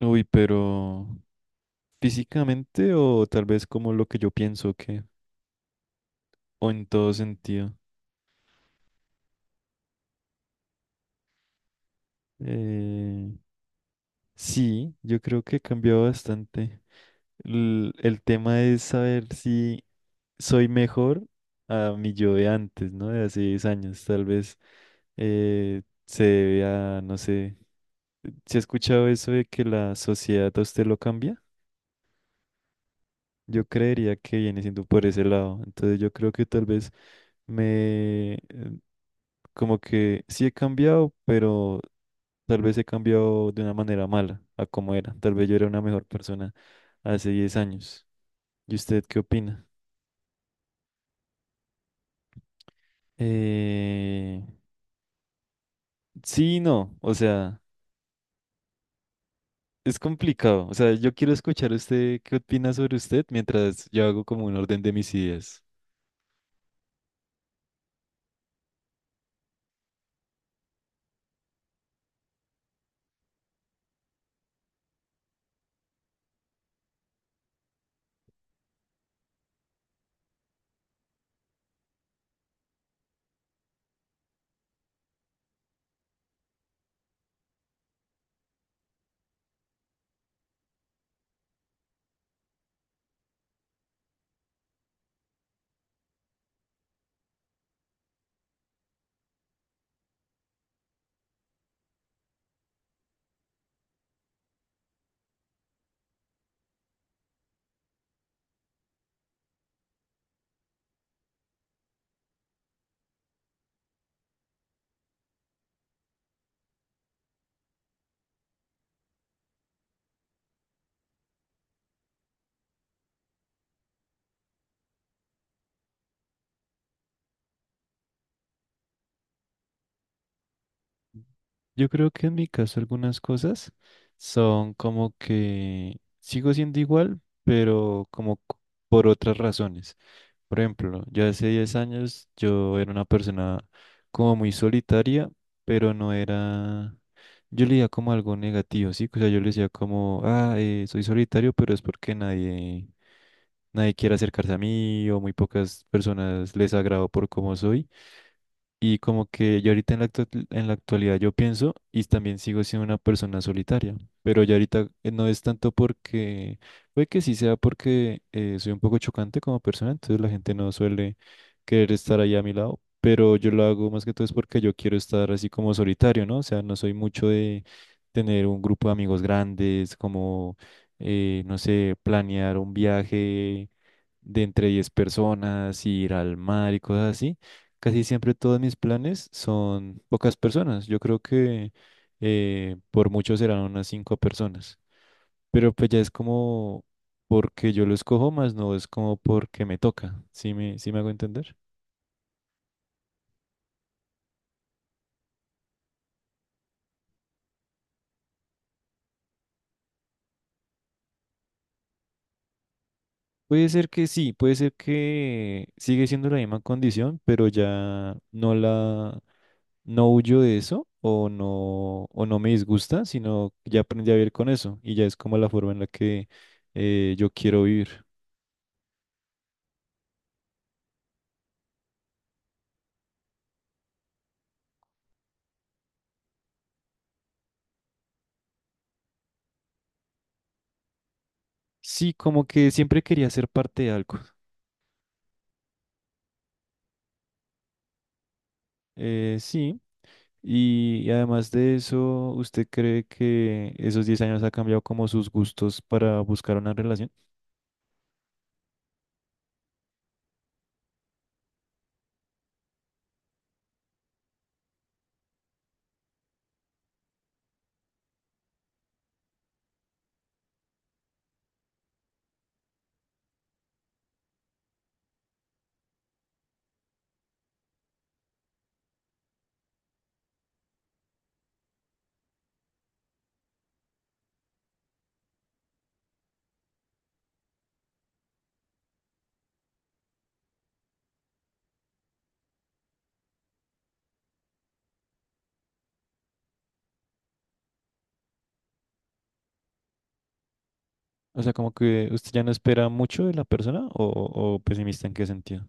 Uy, pero físicamente o tal vez como lo que yo pienso que, o en todo sentido. Eh, sí, yo creo que he cambiado bastante. El tema es saber si soy mejor a mi yo de antes, ¿no? De hace 10 años. Tal vez se debe a, no sé, ¿si he escuchado eso de que la sociedad a usted lo cambia? Yo creería que viene siendo por ese lado. Entonces yo creo que tal vez me, eh, como que sí he cambiado, pero tal vez he cambiado de una manera mala a como era. Tal vez yo era una mejor persona hace 10 años. ¿Y usted qué opina? Eh, sí, y no, o sea, es complicado. O sea, yo quiero escuchar usted qué opina sobre usted mientras yo hago como un orden de mis ideas. Yo creo que en mi caso algunas cosas son como que sigo siendo igual, pero como por otras razones. Por ejemplo, yo hace 10 años yo era una persona como muy solitaria, pero no era. Yo leía como algo negativo, ¿sí? O sea, yo le decía como, ah, soy solitario, pero es porque nadie. Nadie quiere acercarse a mí o muy pocas personas les agrado por cómo soy. Y como que yo ahorita en la actualidad yo pienso y también sigo siendo una persona solitaria, pero ya ahorita no es tanto porque, puede que sí sea porque soy un poco chocante como persona, entonces la gente no suele querer estar ahí a mi lado, pero yo lo hago más que todo es porque yo quiero estar así como solitario, ¿no? O sea, no soy mucho de tener un grupo de amigos grandes, como, no sé, planear un viaje de entre 10 personas, ir al mar y cosas así. Casi siempre todos mis planes son pocas personas. Yo creo que por mucho serán unas cinco personas. Pero pues ya es como porque yo lo escojo más, no es como porque me toca. ¿Sí me hago entender? Puede ser que sí, puede ser que sigue siendo la misma condición, pero ya no no huyo de eso o no, me disgusta, sino ya aprendí a vivir con eso y ya es como la forma en la que yo quiero vivir. Sí, como que siempre quería ser parte de algo. Sí, y además de eso, ¿usted cree que esos 10 años ha cambiado como sus gustos para buscar una relación? O sea, como que usted ya no espera mucho de la persona o ¿pesimista en qué sentido?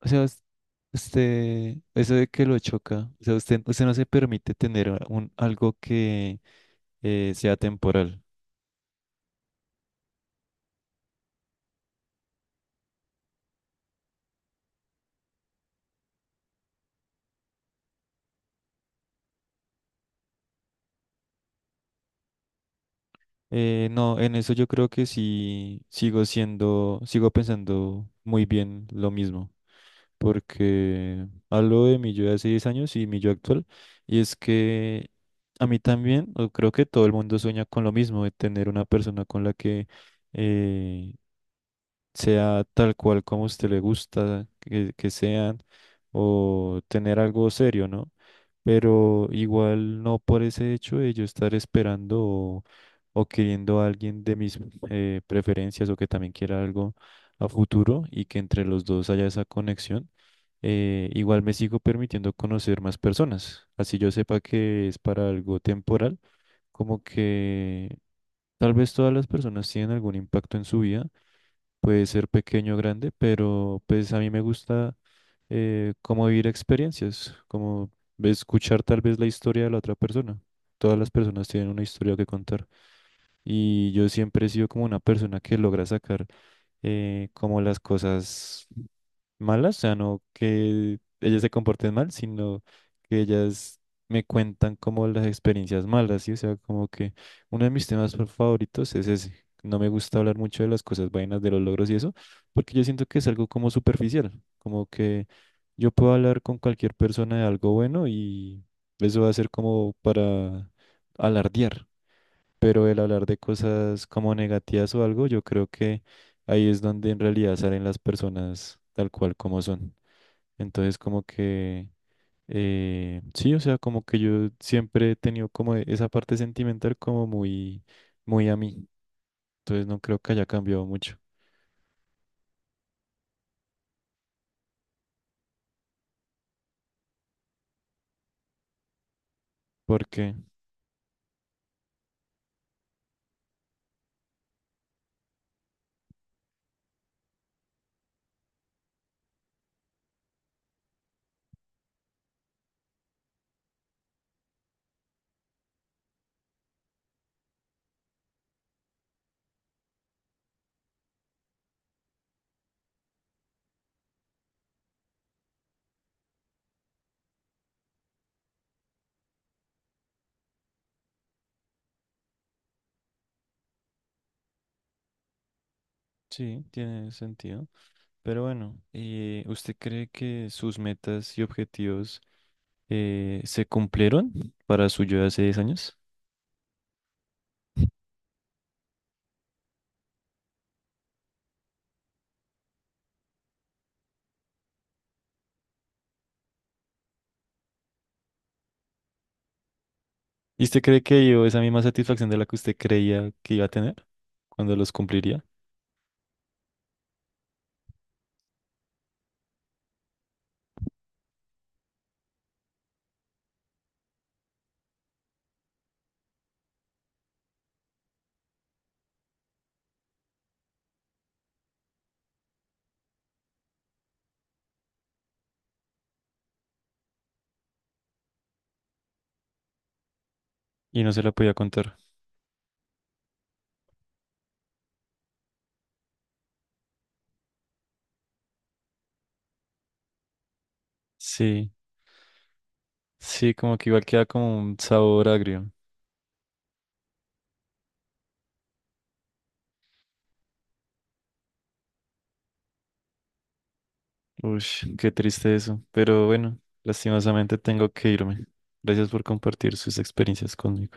O sea, usted, eso de que lo choca, o sea, usted no se permite tener algo que sea temporal. No, en eso yo creo que sí sigo siendo, sigo pensando muy bien lo mismo, porque hablo de mi yo de hace 10 años y mi yo actual, y es que a mí también, o creo que todo el mundo sueña con lo mismo, de tener una persona con la que eh, sea tal cual como a usted le gusta que sean o tener algo serio, ¿no? Pero igual no por ese hecho de yo estar esperando o queriendo a alguien de mis preferencias o que también quiera algo a futuro y que entre los dos haya esa conexión, igual me sigo permitiendo conocer más personas. Así yo sepa que es para algo temporal, como que tal vez todas las personas tienen algún impacto en su vida, puede ser pequeño o grande, pero pues a mí me gusta como vivir experiencias, como escuchar tal vez la historia de la otra persona. Todas las personas tienen una historia que contar y yo siempre he sido como una persona que logra sacar como las cosas malas, o sea, no que ellas se comporten mal, sino que ellas me cuentan como las experiencias malas, ¿sí? O sea, como que uno de mis temas favoritos es ese. No me gusta hablar mucho de las cosas vainas, de los logros y eso, porque yo siento que es algo como superficial, como que yo puedo hablar con cualquier persona de algo bueno y eso va a ser como para alardear, pero el hablar de cosas como negativas o algo, yo creo que ahí es donde en realidad salen las personas tal cual como son. Entonces, como que, sí, o sea, como que yo siempre he tenido como esa parte sentimental como muy, muy a mí. Entonces, no creo que haya cambiado mucho, porque sí, tiene sentido. Pero bueno, ¿usted cree que sus metas y objetivos se cumplieron para su yo de hace 10 años? ¿Y usted cree que dio esa misma satisfacción de la que usted creía que iba a tener cuando los cumpliría? Y no se la podía contar. Sí, sí, como que igual queda como un sabor agrio. Uy, qué triste eso. Pero bueno, lastimosamente tengo que irme. Gracias por compartir sus experiencias conmigo.